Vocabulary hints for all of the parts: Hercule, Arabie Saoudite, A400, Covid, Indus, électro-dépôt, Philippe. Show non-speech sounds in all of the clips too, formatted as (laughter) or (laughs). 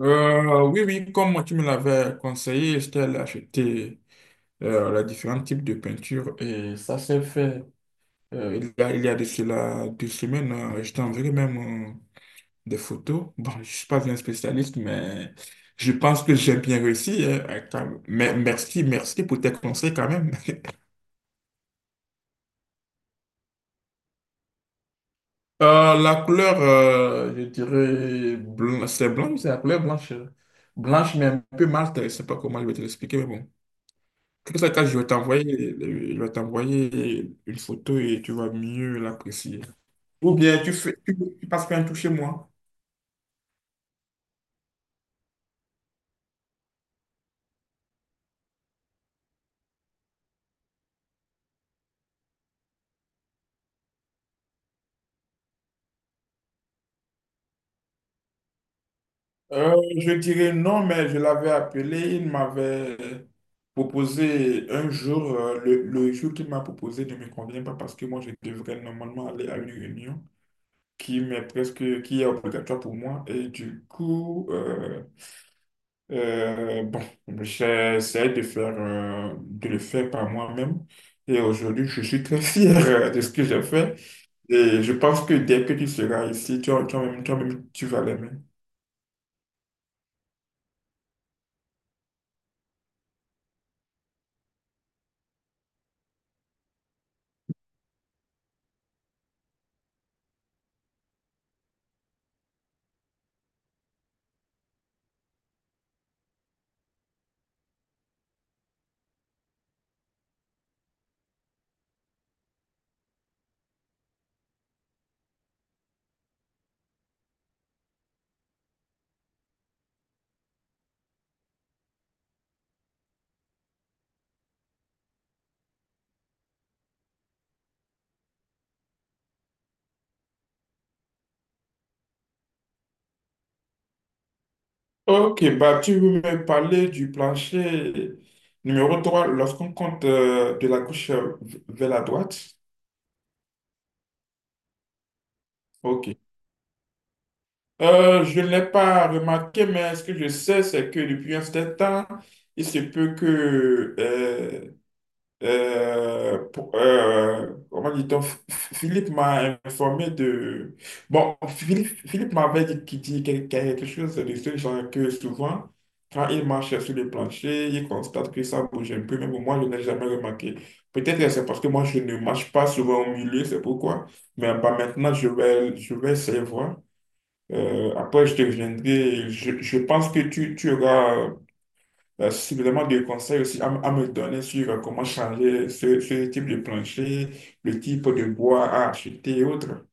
Oui, oui, comme moi, tu me l'avais conseillé, je t'ai acheté les différents types de peintures et ça s'est fait. Il y a de cela deux semaines, je t'enverrai même euh, des photos. (laughs) Bon, je ne suis pas un spécialiste, mais je pense que j'ai bien réussi, hein. Attends, mais merci, merci pour tes conseils quand même. (laughs) La couleur, je dirais, blanc, c'est la couleur blanche. Blanche, mais un peu mate, je ne sais pas comment je vais te l'expliquer, mais bon. Dans tous les cas, je vais t'envoyer une photo et tu vas mieux l'apprécier. Ou bien tu fais, tu passes par un tour chez moi. Euh, je dirais non, mais je l'avais appelé, il m'avait proposé un jour, le jour qu'il m'a proposé ne me convient pas parce que moi, je devrais normalement aller à une réunion qui m'est presque, qui est obligatoire pour moi. Et du coup, bon, j'essaie de faire, de le faire par moi-même et aujourd'hui, je suis très (laughs) fier de ce que j'ai fait et je pense que dès que tu seras ici, toi-même, tu vas l'aimer. Ok, bah tu veux me parler du plancher numéro 3 lorsqu'on compte de la gauche vers la droite? Ok. Je ne l'ai pas remarqué, mais ce que je sais, c'est que depuis un certain temps, il se peut que comment dit-on? Philippe m'a informé de… Bon, Philippe m'avait dit qu'il dit quelque chose de ce genre, que souvent, quand il marche sur le plancher, il constate que ça bouge un peu, mais pour moi, je n'ai jamais remarqué. Peut-être que c'est parce que moi, je ne marche pas souvent au milieu, c'est pourquoi. Mais bah, maintenant, je vais essayer de voir. Après, je te reviendrai. Je pense que tu auras suffisamment de conseils aussi à, à me donner sur comment changer ce type de plancher, le type de bois à acheter et autres.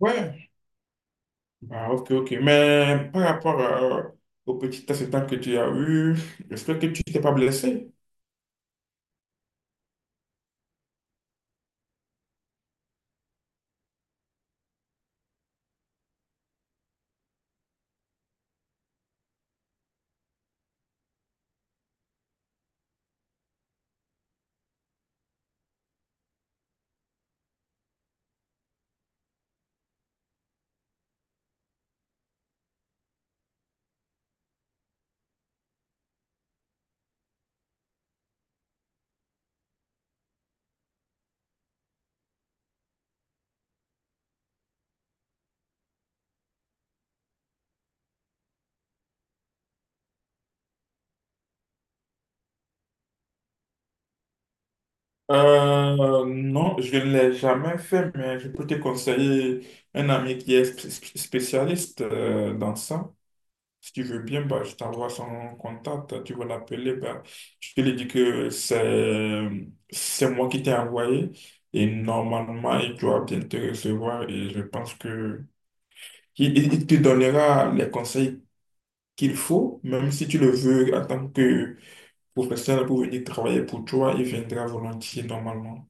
Ouais, ah, ok, ok. Mais par rapport au petit accident que tu as eu, j'espère que tu t'es pas blessé. Non, je ne l'ai jamais fait, mais je peux te conseiller un ami qui est spécialiste dans ça. Si tu veux bien, bah, je t'envoie son contact, tu vas l'appeler. Bah, je te lui dis que c'est moi qui t'ai envoyé et normalement, il doit bien te recevoir et je pense que il te donnera les conseils qu'il faut, même si tu le veux en tant que professionnel pour venir travailler pour toi, il viendra volontiers normalement.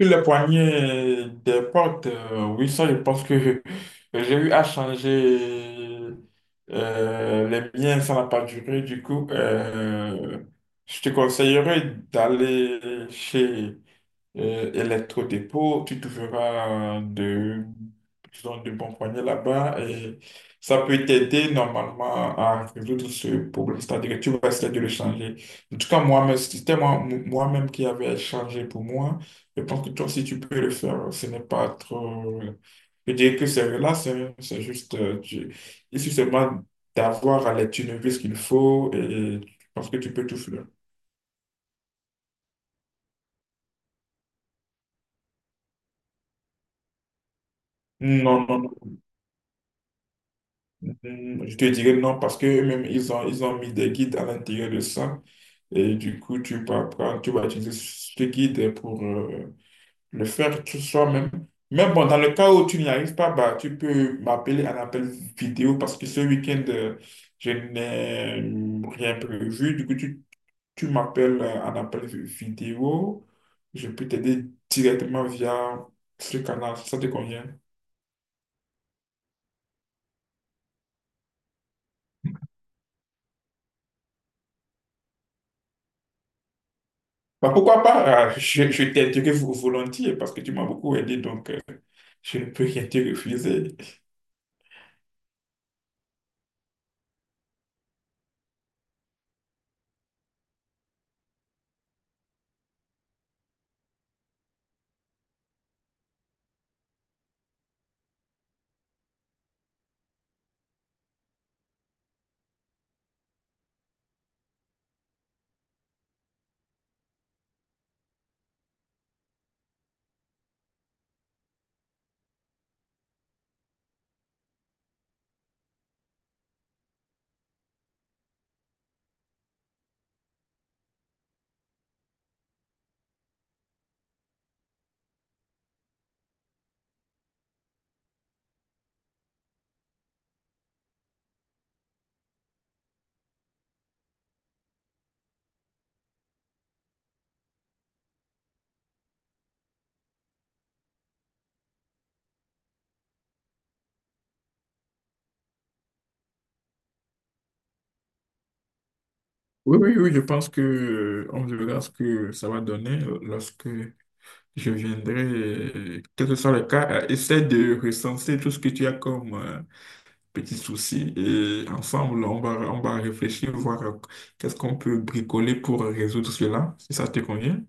Sur les poignées des portes, oui, ça, je pense que (laughs) j'ai eu à changer les miens, ça n'a pas duré. Du coup, je te conseillerais d'aller chez électro-dépôt, tu trouveras de, disons, de bons poignets là-bas et ça peut t'aider normalement à résoudre ce problème, c'est-à-dire que tu vas essayer de le changer. En tout cas, moi-même, si c'était moi, moi-même qui avait changé pour moi. Je pense que toi aussi, tu peux le faire. Ce n'est pas trop… Je dirais que c'est relax, hein. C'est juste… Il suffit seulement d'avoir à l'étude ce qu'il faut et je pense que tu peux tout faire. Non, non, non. Hmm, je te dirais non parce que même ils ont mis des guides à l'intérieur de ça. Et du coup, tu vas utiliser ce guide pour le faire tout soi-même. Mais bon, dans le cas où tu n'y arrives pas, bah, tu peux m'appeler un appel vidéo parce que ce week-end, je n'ai rien prévu. Du coup, tu m'appelles un appel vidéo. Je peux t'aider directement via ce canal. Ça te convient? Bah, pourquoi pas? Je t'aiderai volontiers parce que tu m'as beaucoup aidé, donc je ne peux rien te refuser. Oui, oui, oui, je pense que on verra ce que ça va donner lorsque je viendrai. Quel que soit le cas, essaie de recenser tout ce que tu as comme petits soucis et ensemble, on va réfléchir, voir qu'est-ce qu'on peut bricoler pour résoudre cela, si ça te convient.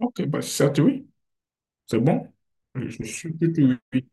Ok, bah, certes, oui, c'est bon. Je suis plutôt oui.